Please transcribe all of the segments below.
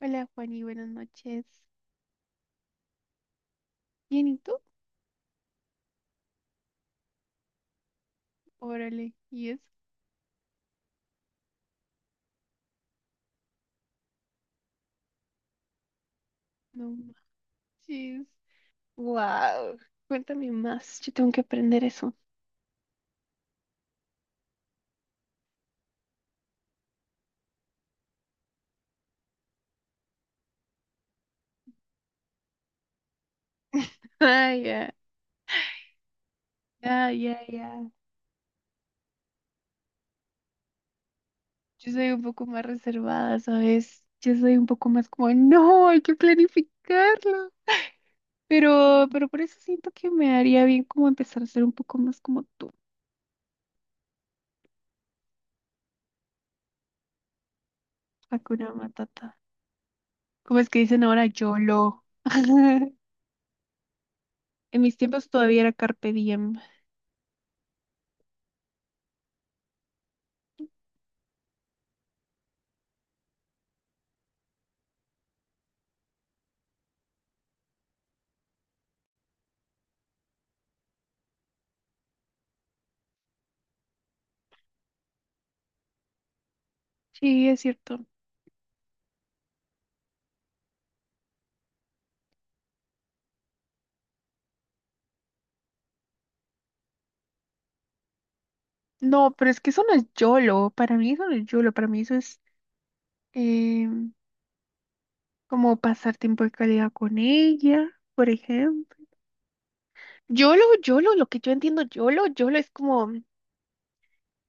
Hola, Juani, buenas noches. ¿Bien y tú? Órale, y eso, no manches. Wow, cuéntame más, yo tengo que aprender eso. Ah ya, ya, ya, ya. Yo soy un poco más reservada, ¿sabes? Yo soy un poco más como, no, hay que planificarlo. Pero por eso siento que me haría bien como empezar a ser un poco más como tú, Hakuna Matata. ¿Cómo es que dicen ahora YOLO? En mis tiempos todavía era Carpe Diem. Sí, es cierto. No, pero es que eso no es YOLO. Para mí eso no es YOLO. Para mí eso es em, como pasar tiempo de calidad con ella, por ejemplo. YOLO, YOLO, lo que yo entiendo YOLO, YOLO es como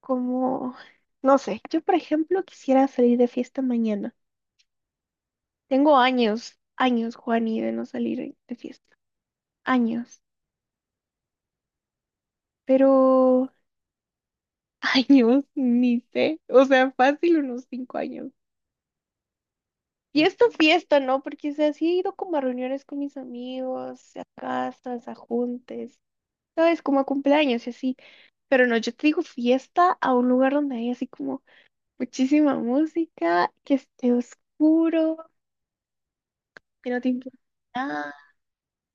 como, no sé, yo por ejemplo quisiera salir de fiesta mañana. Tengo años, años, Juani, de no salir de fiesta. Años, pero años, ni sé. O sea, fácil unos 5 años. Fiesta fiesta, ¿no? Porque, o sea, sí he ido como a reuniones con mis amigos, a casas, a juntes, ¿sabes? Como a cumpleaños y así. Pero no, yo te digo fiesta a un lugar donde hay así como muchísima música, que esté oscuro, que no te importa.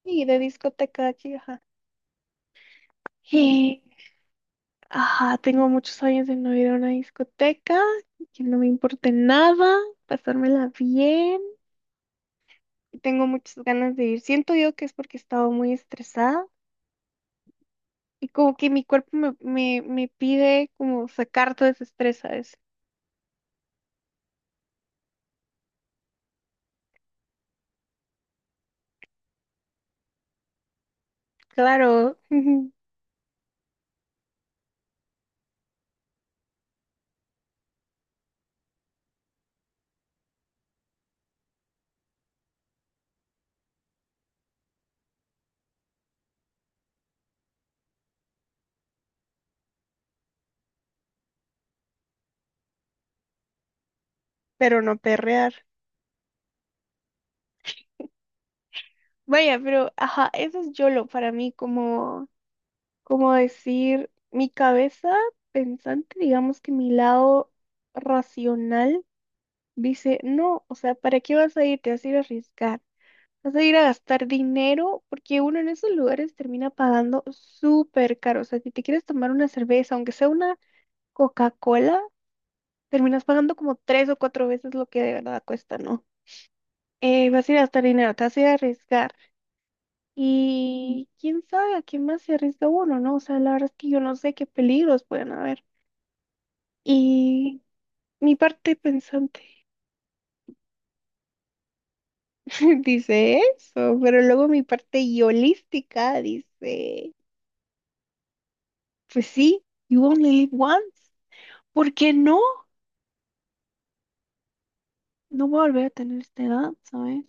Y de discoteca de aquí, ajá. Y, ajá, tengo muchos años de no ir a una discoteca, que no me importe nada, pasármela bien. Y tengo muchas ganas de ir. Siento yo que es porque he estado muy estresada y como que mi cuerpo me pide como sacar todo ese estrés, ¿sabes? Claro, pero no perrear. Vaya, pero, ajá, eso es YOLO para mí, como, como decir, mi cabeza pensante, digamos que mi lado racional dice, no, o sea, ¿para qué vas a ir? Te vas a ir a arriesgar, vas a ir a gastar dinero, porque uno en esos lugares termina pagando súper caro. O sea, si te quieres tomar una cerveza, aunque sea una Coca-Cola, terminas pagando como 3 o 4 veces lo que de verdad cuesta, ¿no? Vas a ir a gastar dinero, te vas a ir a arriesgar. Y quién sabe a qué más se arriesga uno, ¿no? O sea, la verdad es que yo no sé qué peligros pueden haber. Y mi parte pensante. Dice eso, pero luego mi parte yolística dice, pues sí, you only live once. ¿Por qué no? No voy a volver a tener esta edad, ¿sabes?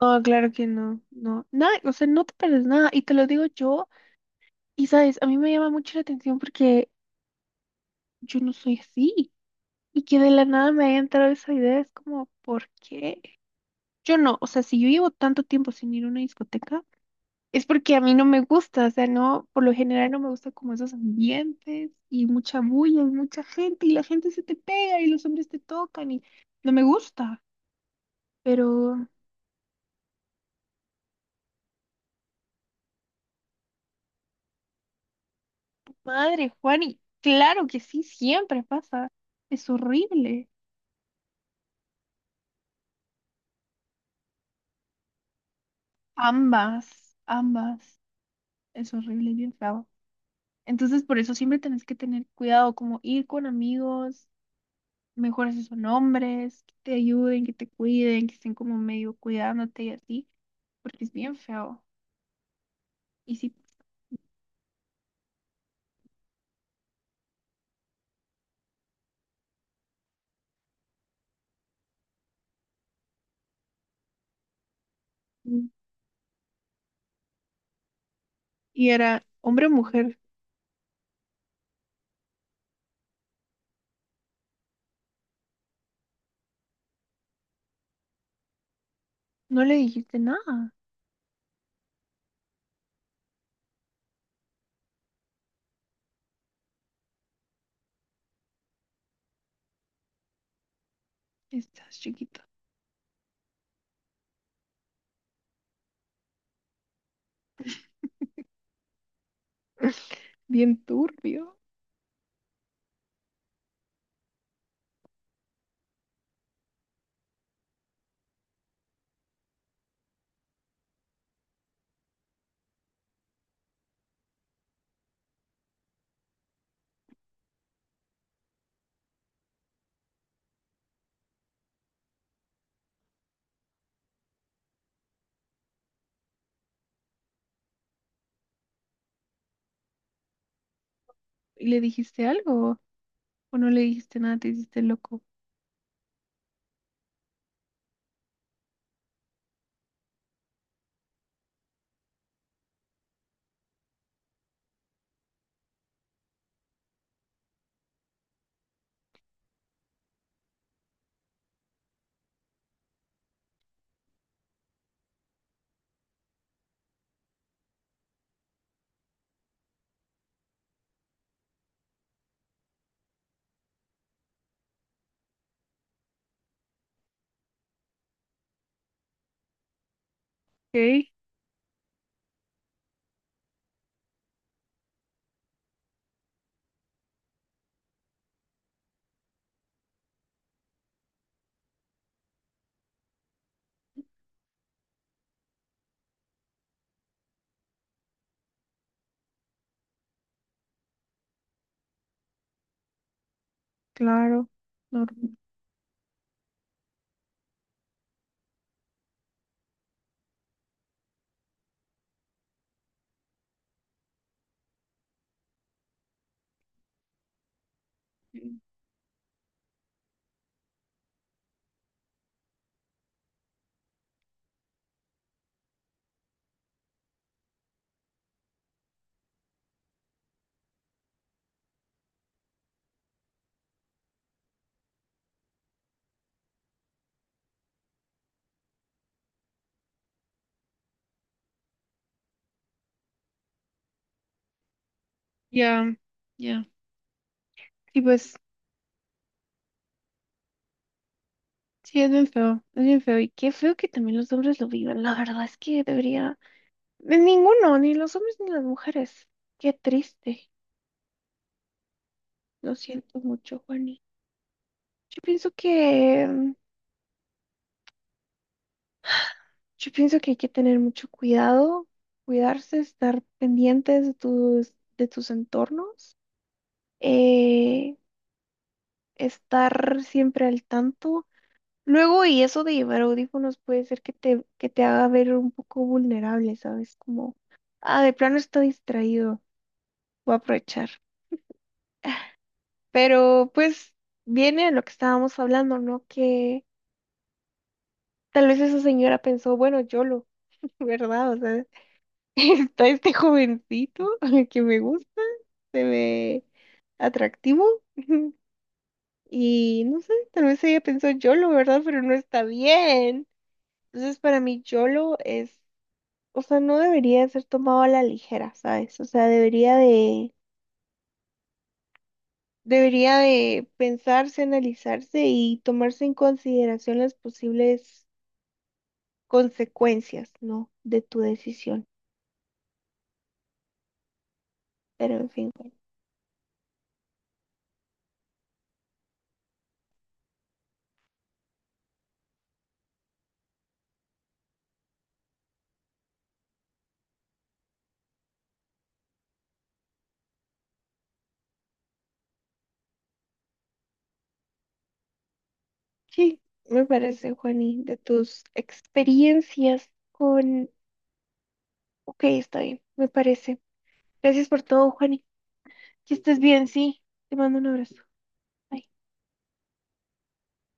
No, claro que no, no, nada, o sea, no te pierdes nada, y te lo digo yo, y sabes, a mí me llama mucho la atención porque yo no soy así, y que de la nada me haya entrado esa idea, es como, ¿por qué? Yo no, o sea, si yo llevo tanto tiempo sin ir a una discoteca, es porque a mí no me gusta, o sea, no, por lo general no me gusta como esos ambientes y mucha bulla y mucha gente y la gente se te pega y los hombres te tocan y no me gusta. Pero, madre, Juan, y claro que sí, siempre pasa. Es horrible. Ambas, ambas. Es horrible y bien feo. Entonces, por eso siempre tenés que tener cuidado, como ir con amigos, mejores si son hombres, que te ayuden, que te cuiden, que estén como medio cuidándote y así, porque es bien feo. Y sí, mm, y era hombre o mujer, no le dijiste nada. Estás chiquito. Bien turbio. ¿Y le dijiste algo? ¿O no le dijiste nada? Te hiciste loco. Ok, claro. Normal. Ya, ya. Y pues, sí, es bien feo. Es bien feo. Y qué feo que también los hombres lo vivan. La verdad es que debería. De ninguno, ni los hombres ni las mujeres. Qué triste. Lo siento mucho, Juani. Yo pienso que, mm, yo pienso que hay que tener mucho cuidado, cuidarse, estar pendientes de de tus entornos, eh, estar siempre al tanto. Luego, y eso de llevar audífonos puede ser que te haga ver un poco vulnerable, ¿sabes? Como, ah, de plano estoy distraído, voy a aprovechar. Pero pues viene a lo que estábamos hablando, ¿no? Que tal vez esa señora pensó, bueno, YOLO, ¿verdad? O sea, está este jovencito que me gusta, se ve atractivo. Y no sé, tal vez ella pensó YOLO, ¿verdad? Pero no está bien. Entonces, para mí, YOLO es, o sea, no debería ser tomado a la ligera, ¿sabes? O sea, debería de pensarse, analizarse y tomarse en consideración las posibles consecuencias, ¿no? De tu decisión. Pero en fin. Sí, me parece, Juani, de tus experiencias con... Ok, está bien, me parece. Gracias por todo, Juani. Que estés bien, sí. Te mando un abrazo. Bye.